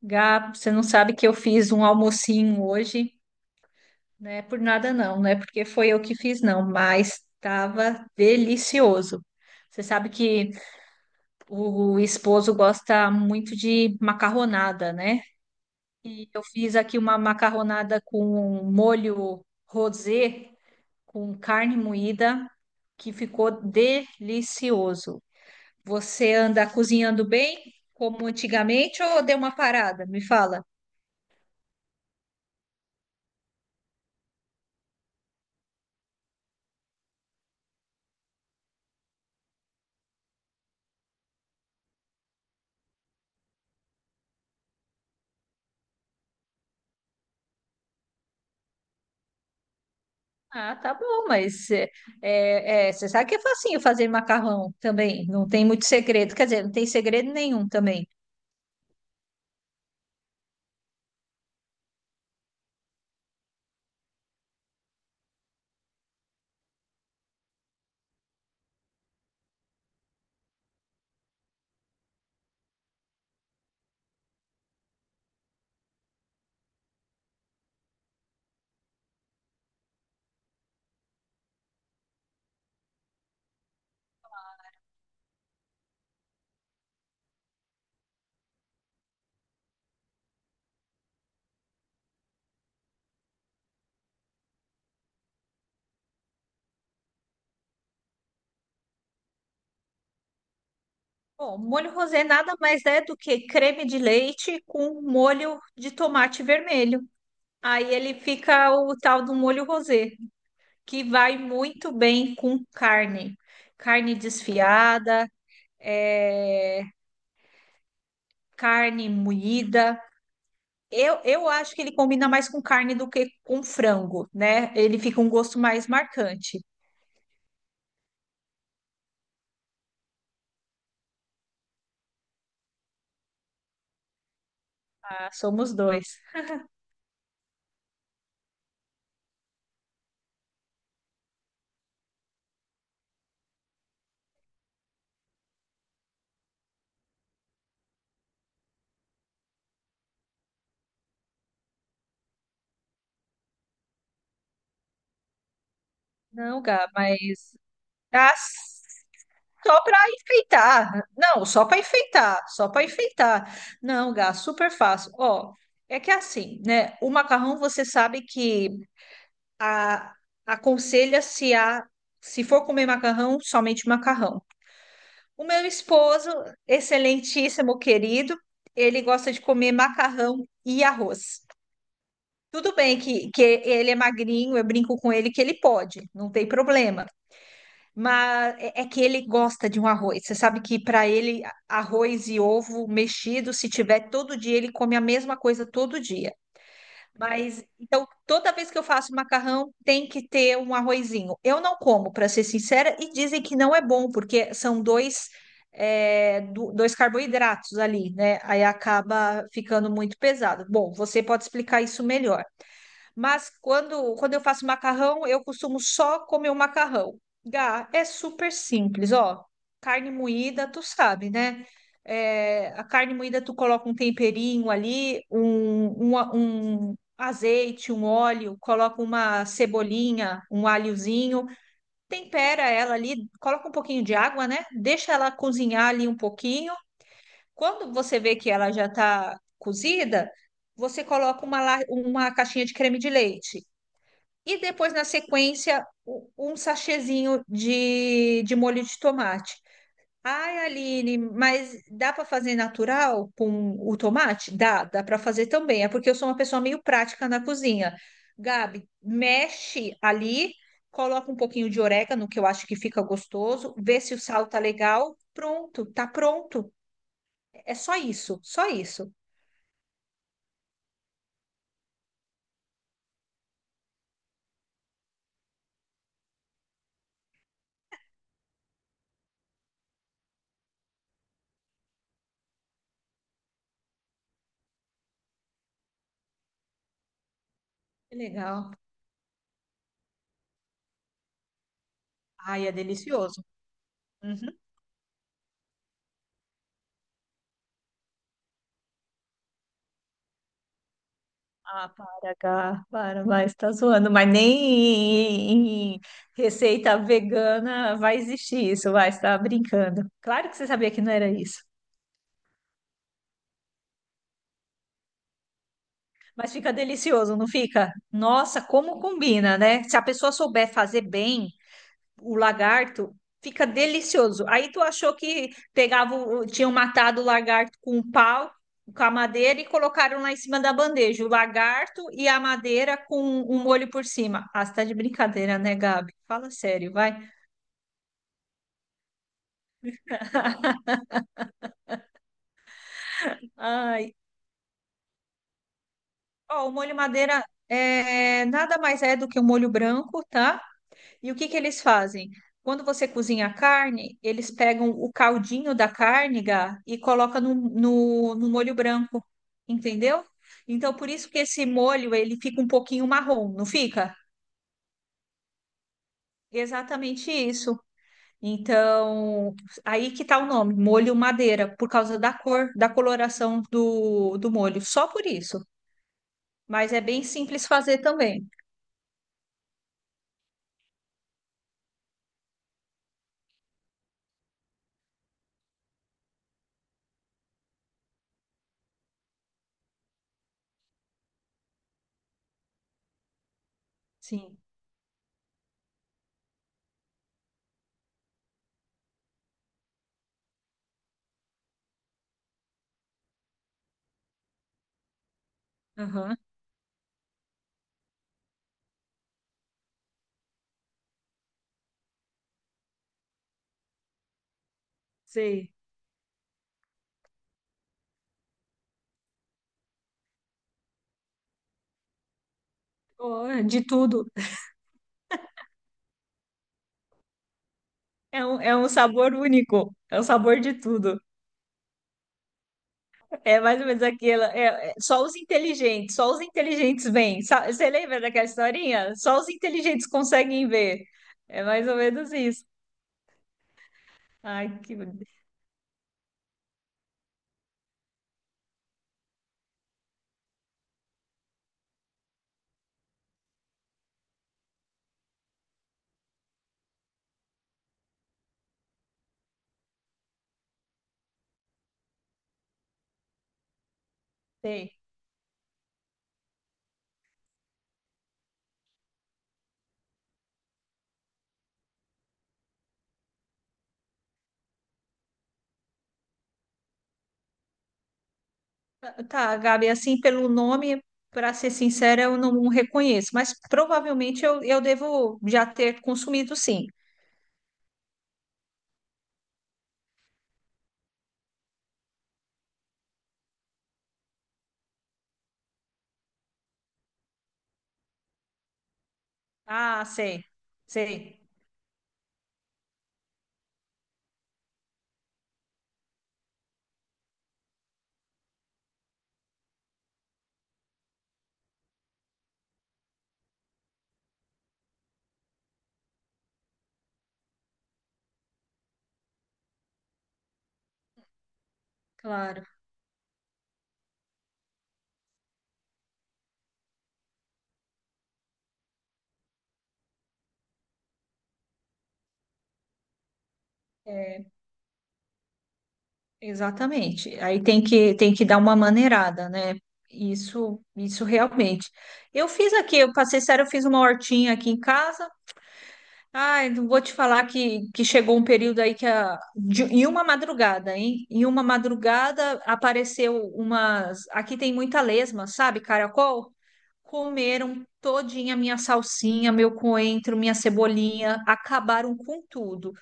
Gá, você não sabe que eu fiz um almocinho hoje, né? Por nada não, não é porque foi eu que fiz não, mas estava delicioso. Você sabe que o esposo gosta muito de macarronada, né? E eu fiz aqui uma macarronada com molho rosé, com carne moída, que ficou delicioso. Você anda cozinhando bem, como antigamente, ou deu uma parada? Me fala. Ah, tá bom, mas você sabe que é facinho fazer macarrão também, não tem muito segredo, quer dizer, não tem segredo nenhum também. Bom, molho rosé nada mais é do que creme de leite com molho de tomate vermelho. Aí ele fica o tal do molho rosé, que vai muito bem com carne, carne desfiada, é, carne moída. Eu acho que ele combina mais com carne do que com frango, né? Ele fica um gosto mais marcante. Ah, somos dois. Não, Gá, mas. Ah, só para enfeitar. Não, só para enfeitar. Só para enfeitar. Não, Gá, super fácil. Ó, é que é assim, né? O macarrão, você sabe que a, aconselha-se a. Se for comer macarrão, somente macarrão. O meu esposo, excelentíssimo querido, ele gosta de comer macarrão e arroz. Tudo bem que ele é magrinho, eu brinco com ele que ele pode, não tem problema. Mas é que ele gosta de um arroz. Você sabe que para ele, a- arroz e ovo mexido, se tiver todo dia, ele come a mesma coisa todo dia. Mas então, toda vez que eu faço macarrão, tem que ter um arrozinho. Eu não como, para ser sincera, e dizem que não é bom, porque são dois, é, do- dois carboidratos ali, né? Aí acaba ficando muito pesado. Bom, você pode explicar isso melhor. Mas quando eu faço macarrão, eu costumo só comer o macarrão. Gá, é super simples, ó. Carne moída, tu sabe, né? É, a carne moída, tu coloca um temperinho ali, a- um azeite, um óleo, coloca uma cebolinha, um alhozinho, tempera ela ali, coloca um pouquinho de água, né? Deixa ela cozinhar ali um pouquinho. Quando você vê que ela já tá cozida, você coloca uma, la- uma caixinha de creme de leite. E depois, na sequência, u- um sachêzinho de molho de tomate. Ai, Aline, mas dá para fazer natural com o tomate? Dá, dá para fazer também. É porque eu sou uma pessoa meio prática na cozinha. Gabi, mexe ali, coloca um pouquinho de orégano, que eu acho que fica gostoso, vê se o sal tá legal. Pronto, tá pronto. É só isso, só isso. Que legal. Ai, é delicioso. Ah, para, Gá, para, mas tá zoando. Mas nem em receita vegana vai existir isso, vai, você tá brincando. Claro que você sabia que não era isso. Mas fica delicioso, não fica? Nossa, como combina, né? Se a pessoa souber fazer bem, o lagarto, fica delicioso. Aí tu achou que pegava, o- tinham matado o lagarto com um pau, com a madeira e colocaram lá em cima da bandeja, o lagarto e a madeira com um molho por cima. Ah, você tá de brincadeira, né, Gabi? Fala sério, vai. Ai, ó, o molho madeira é nada mais é do que um molho branco, tá? E o que que eles fazem? Quando você cozinha a carne, eles pegam o caldinho da carne, Gá, e colocam no molho branco, entendeu? Então, por isso que esse molho, ele fica um pouquinho marrom, não fica? Exatamente isso. Então, aí que tá o nome, molho madeira, por causa da cor, da coloração do molho, só por isso. Mas é bem simples fazer também. Sim. Aham. Sei. Oh, é de tudo. É um sabor único, é um sabor de tudo. É mais ou menos aquela. É, é- só os inteligentes veem. Sa- Você lembra daquela historinha? Só os inteligentes conseguem ver. É mais ou menos isso. Ai, que. Sei. Tá, Gabi, assim, pelo nome, para ser sincera, eu não reconheço, mas provavelmente eu devo já ter consumido, sim. Ah, sei, sei. Claro. É, exatamente. Aí tem que dar uma maneirada, né? Isso isso realmente. Eu fiz aqui, eu passei sério, eu fiz uma hortinha aqui em casa. Ai, não vou te falar que chegou um período aí que a, de- em uma madrugada, hein? Em uma madrugada apareceu umas. Aqui tem muita lesma, sabe, caracol? Comeram todinha minha salsinha, meu coentro, minha cebolinha, acabaram com tudo.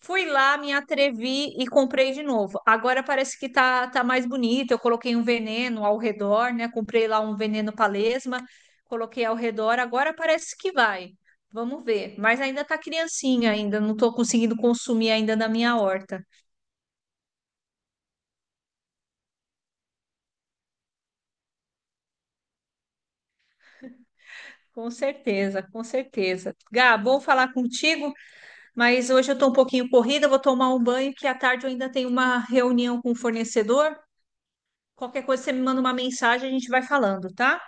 Fui lá, me atrevi e comprei de novo. Agora parece que tá mais bonito. Eu coloquei um veneno ao redor, né? Comprei lá um veneno para lesma, coloquei ao redor, agora parece que vai. Vamos ver. Mas ainda tá criancinha ainda, não tô conseguindo consumir ainda na minha horta. Com certeza, com certeza. Gá, bom falar contigo, mas hoje eu tô um pouquinho corrida, vou tomar um banho, que à tarde eu ainda tenho uma reunião com o fornecedor. Qualquer coisa você me manda uma mensagem, a gente vai falando, tá?